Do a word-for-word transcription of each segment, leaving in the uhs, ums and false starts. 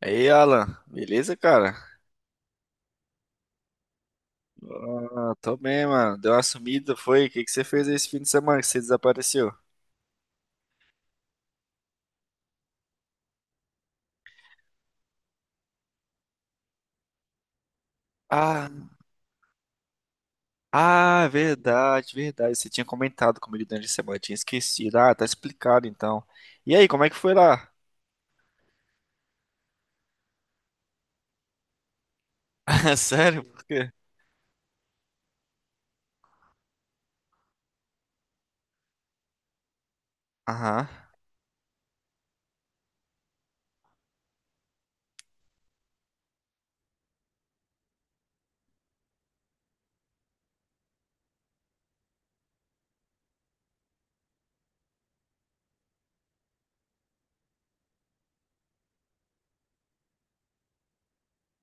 E aí, Alan, beleza, cara? Ah, tô bem, mano. Deu uma sumida, foi? O que que você fez esse fim de semana que você desapareceu? Ah, ah, verdade, verdade. Você tinha comentado comigo durante a semana, eu tinha esquecido. Ah, tá explicado então. E aí, como é que foi lá? Sério? Por quê? Aham.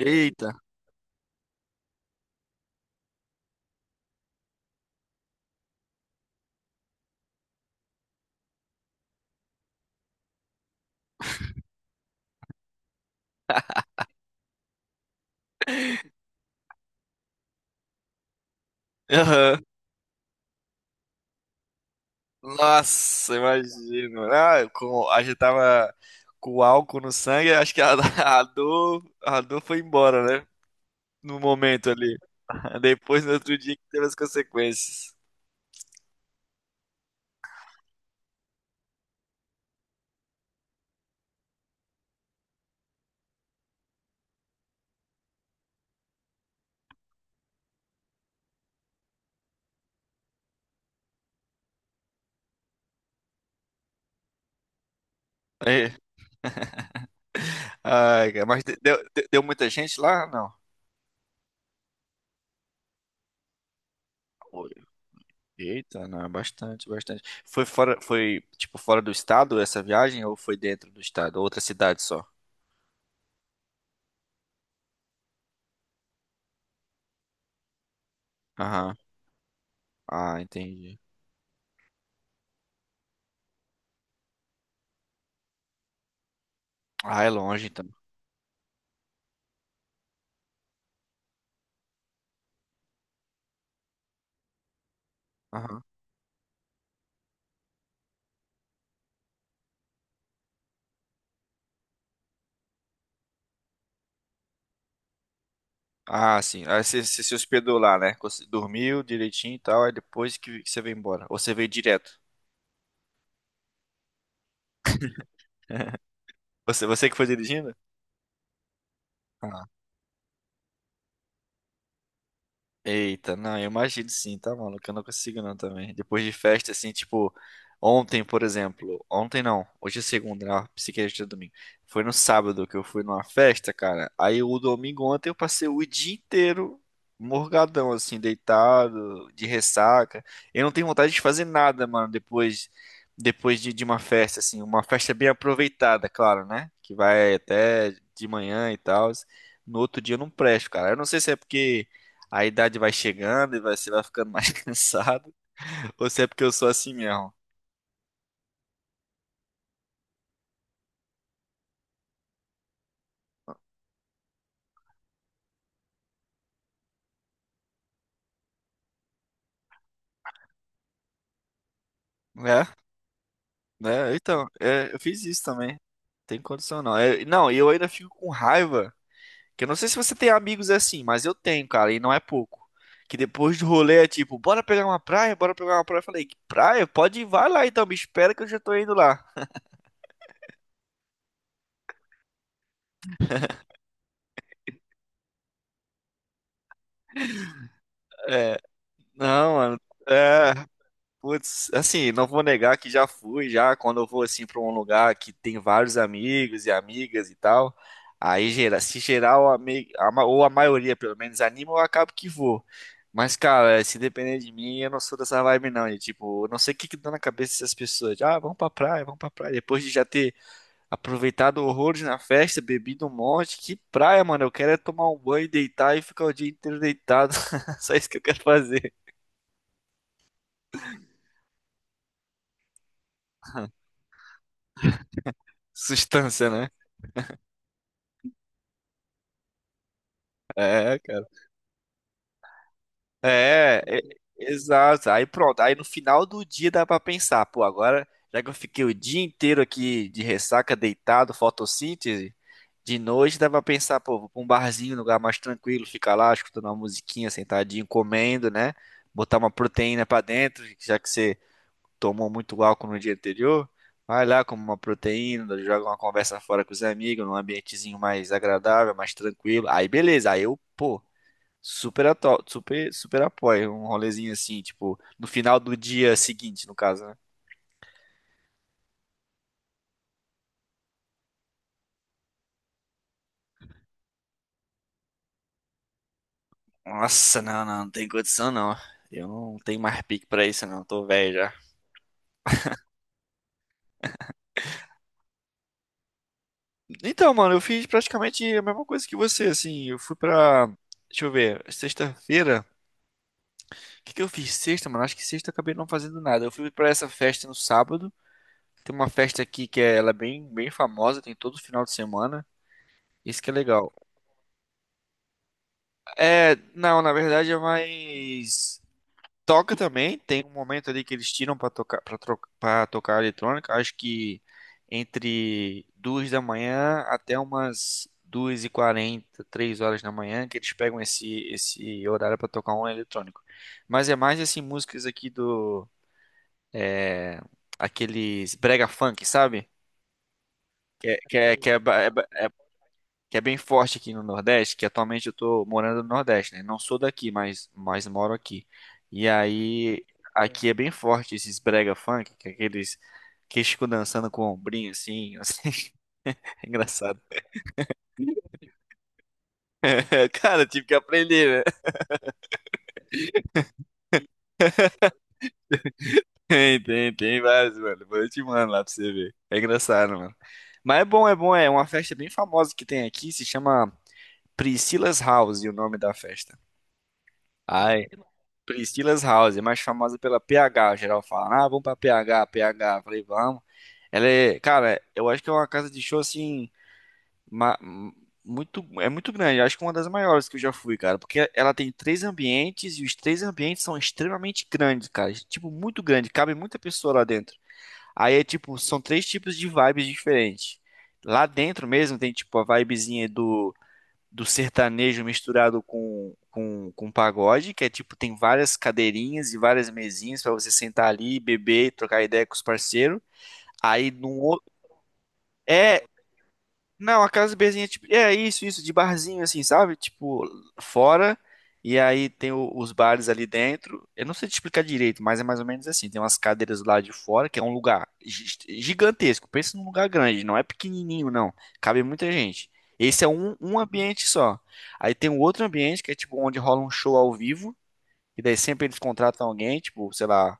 Eita. Aham. Nossa, imagino. Ah, com, a gente tava com álcool no sangue, acho que a, a dor, a dor foi embora, né? No momento ali. Depois, no outro dia, que teve as consequências. É. Ai, cara, mas de- deu, de- deu muita gente lá? Não. Oi. Eita, não, bastante, bastante. Foi fora, foi tipo fora do estado essa viagem ou foi dentro do estado? Outra cidade só? Aham. Ah, entendi. Ah, é longe então. Aham. Ah, sim. Aí você, você se hospedou lá, né? Você dormiu direitinho e tal, aí depois que, que você veio embora, ou você veio direto? Você, você que foi dirigindo? Eita, não, eu imagino sim, tá, maluco? Eu não consigo não também. Depois de festa, assim, tipo, ontem, por exemplo. Ontem não, hoje é segunda, né? Psiquiatra é domingo. Foi no sábado que eu fui numa festa, cara. Aí o domingo ontem eu passei o dia inteiro morgadão, assim, deitado, de ressaca. Eu não tenho vontade de fazer nada, mano, depois, depois de, de uma festa, assim. Uma festa bem aproveitada, claro, né? Que vai até de manhã e tal. No outro dia eu não presto, cara. Eu não sei se é porque a idade vai chegando e você vai ficando mais cansado. Ou se é porque eu sou assim mesmo. Né? Né? Então, é, eu fiz isso também. Tem condição não. É, não, e eu ainda fico com raiva. Que eu não sei se você tem amigos assim, mas eu tenho, cara, e não é pouco. Que depois do rolê é tipo, bora pegar uma praia, bora pegar uma praia. Eu falei, que praia? Pode ir, vai lá então, me espera que eu já tô indo lá. É, não, mano. É, putz, assim, não vou negar que já fui, já quando eu vou assim para um lugar que tem vários amigos e amigas e tal, aí gera, se geral a me- a ma- ou a maioria pelo menos anima, eu acabo que vou. Mas cara, se depender de mim, eu não sou dessa vibe não, de tipo, eu não sei o que que dá na cabeça dessas pessoas, de, ah, vamos pra praia, vamos pra praia, depois de já ter aproveitado horrores na festa, bebido um monte, que praia, mano, eu quero é tomar um banho, deitar e ficar o dia inteiro deitado. Só isso que eu quero fazer. Sustância, né? É, cara. É, é, Exato. Aí pronto. Aí no final do dia dá pra pensar, pô, agora já que eu fiquei o dia inteiro aqui de ressaca, deitado, fotossíntese, de noite dá pra pensar, pô, vou pra um barzinho, um lugar mais tranquilo, ficar lá escutando uma musiquinha, sentadinho, comendo, né? Botar uma proteína pra dentro, já que você tomou muito álcool no dia anterior. Vai lá, come uma proteína, joga uma conversa fora com os amigos, num ambientezinho mais agradável, mais tranquilo. Aí beleza, aí eu, pô. Super, ato- super, super apoio. Um rolezinho assim, tipo, no final do dia seguinte, no caso, né? Nossa, não, não, não tem condição, não. Eu não tenho mais pique pra isso, não. Tô velho já. Então, mano, eu fiz praticamente a mesma coisa que você, assim. Eu fui pra. Deixa eu ver, sexta-feira. O que que eu fiz sexta, mano? Acho que sexta eu acabei não fazendo nada. Eu fui pra essa festa no sábado. Tem uma festa aqui que é, ela é bem, bem famosa, tem todo final de semana. Isso que é legal. É, não, na verdade é mais. Toca também, tem um momento ali que eles tiram pra tocar para para tocar eletrônica, acho que entre duas da manhã até umas duas e quarenta, três horas da manhã, que eles pegam esse esse horário pra tocar um eletrônico. Mas é mais assim músicas aqui do é, aqueles brega funk, sabe? Que é, que é, que é, ba- é ba- é Que é bem forte aqui no Nordeste, que atualmente eu tô morando no Nordeste, né? Não sou daqui, mas, mas moro aqui. E aí, aqui é bem forte esses brega funk, que é aqueles que ficam dançando com o ombrinho assim, assim. É engraçado. Cara, eu tive que aprender, né? Tem, tem, tem vários, mano. Depois eu te mando lá pra você ver. É engraçado, mano. Mas é bom, é bom. É uma festa bem famosa que tem aqui, se chama Priscila's House, e o nome da festa. Ah, Priscila's House, é mais famosa pela P H. Geral fala, ah, vamos pra P H, P H. Eu falei, vamos. Ela é, cara, eu acho que é uma casa de show assim, ma- muito, é muito grande. Acho que é uma das maiores que eu já fui, cara, porque ela tem três ambientes e os três ambientes são extremamente grandes, cara. Tipo, muito grande, cabe muita pessoa lá dentro. Aí é tipo, são três tipos de vibes diferentes. Lá dentro mesmo tem tipo a vibezinha do do sertanejo misturado com, com, com pagode, que é tipo, tem várias cadeirinhas e várias mesinhas para você sentar ali, beber, trocar ideia com os parceiros. Aí num outro. É, não, a casa de berzinha é tipo. É isso, isso, de barzinho, assim, sabe? Tipo, fora. E aí tem o- os bares ali dentro. Eu não sei te explicar direito, mas é mais ou menos assim. Tem umas cadeiras lá de fora, que é um lugar gi- gigantesco. Pensa num lugar grande, não é pequenininho, não. Cabe muita gente. Esse é um, um ambiente só. Aí tem um outro ambiente que é tipo onde rola um show ao vivo. E daí sempre eles contratam alguém, tipo, sei lá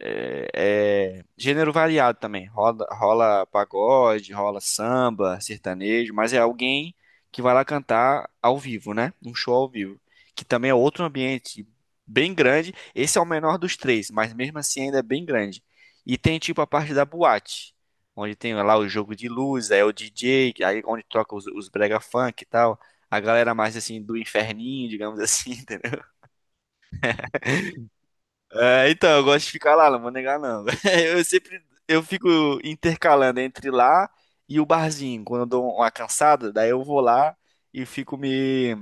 é, é, gênero variado também. Rola, rola pagode, rola samba, sertanejo, mas é alguém que vai lá cantar ao vivo, né? Um show ao vivo. Que também é outro ambiente bem grande. Esse é o menor dos três, mas mesmo assim ainda é bem grande. E tem tipo a parte da boate, onde tem lá o jogo de luz, aí é o D J, que- aí onde troca os, os brega funk e tal. A galera mais assim do inferninho, digamos assim. É, então, eu gosto de ficar lá, não vou negar não. Eu sempre eu fico intercalando entre lá e o barzinho. Quando eu dou uma cansada, daí eu vou lá e fico me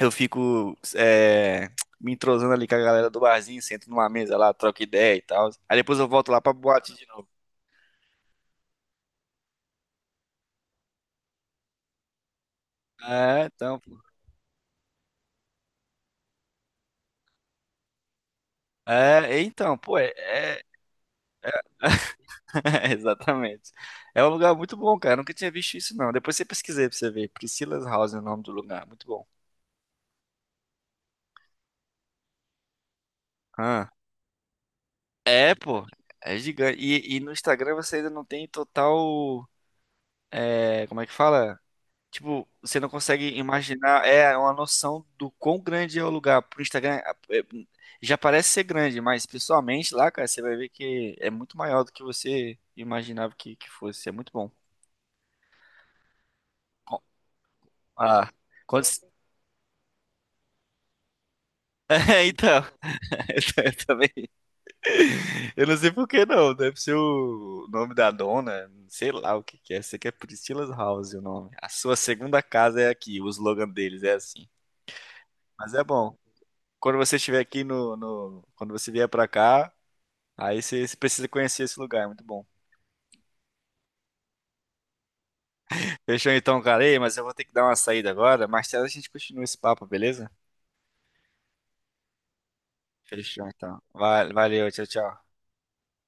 eu fico é, me entrosando ali com a galera do barzinho, sento numa mesa lá, troco ideia e tal. Aí depois eu volto lá pra boate de novo. É, então, pô. É, então, pô, é, é- Exatamente. É um lugar muito bom, cara. Eu nunca tinha visto isso, não. Depois você pesquisei pra você ver. Priscila's House é o nome do lugar. Muito bom. Ah. É, pô. É gigante. E, e no Instagram você ainda não tem total. É, como é que fala? Tipo, você não consegue imaginar. É uma noção do quão grande é o lugar. Pro Instagram é, já parece ser grande, mas pessoalmente lá, cara, você vai ver que é muito maior do que você imaginava que, que fosse. É muito bom. Ah, quando... É, então. Eu também. Eu não sei por que não. Deve ser o nome da dona. Sei lá o que que é. Sei que é Priscilla's House o nome. A sua segunda casa é aqui. O slogan deles é assim. Mas é bom. Quando você estiver aqui no, no- quando você vier pra cá, aí você, você precisa conhecer esse lugar. É muito bom. Fechou então, cara. Ei, mas eu vou ter que dar uma saída agora. Mais tarde a gente continua esse papo, beleza? Fechou então. Va- Valeu, tchau, tchau.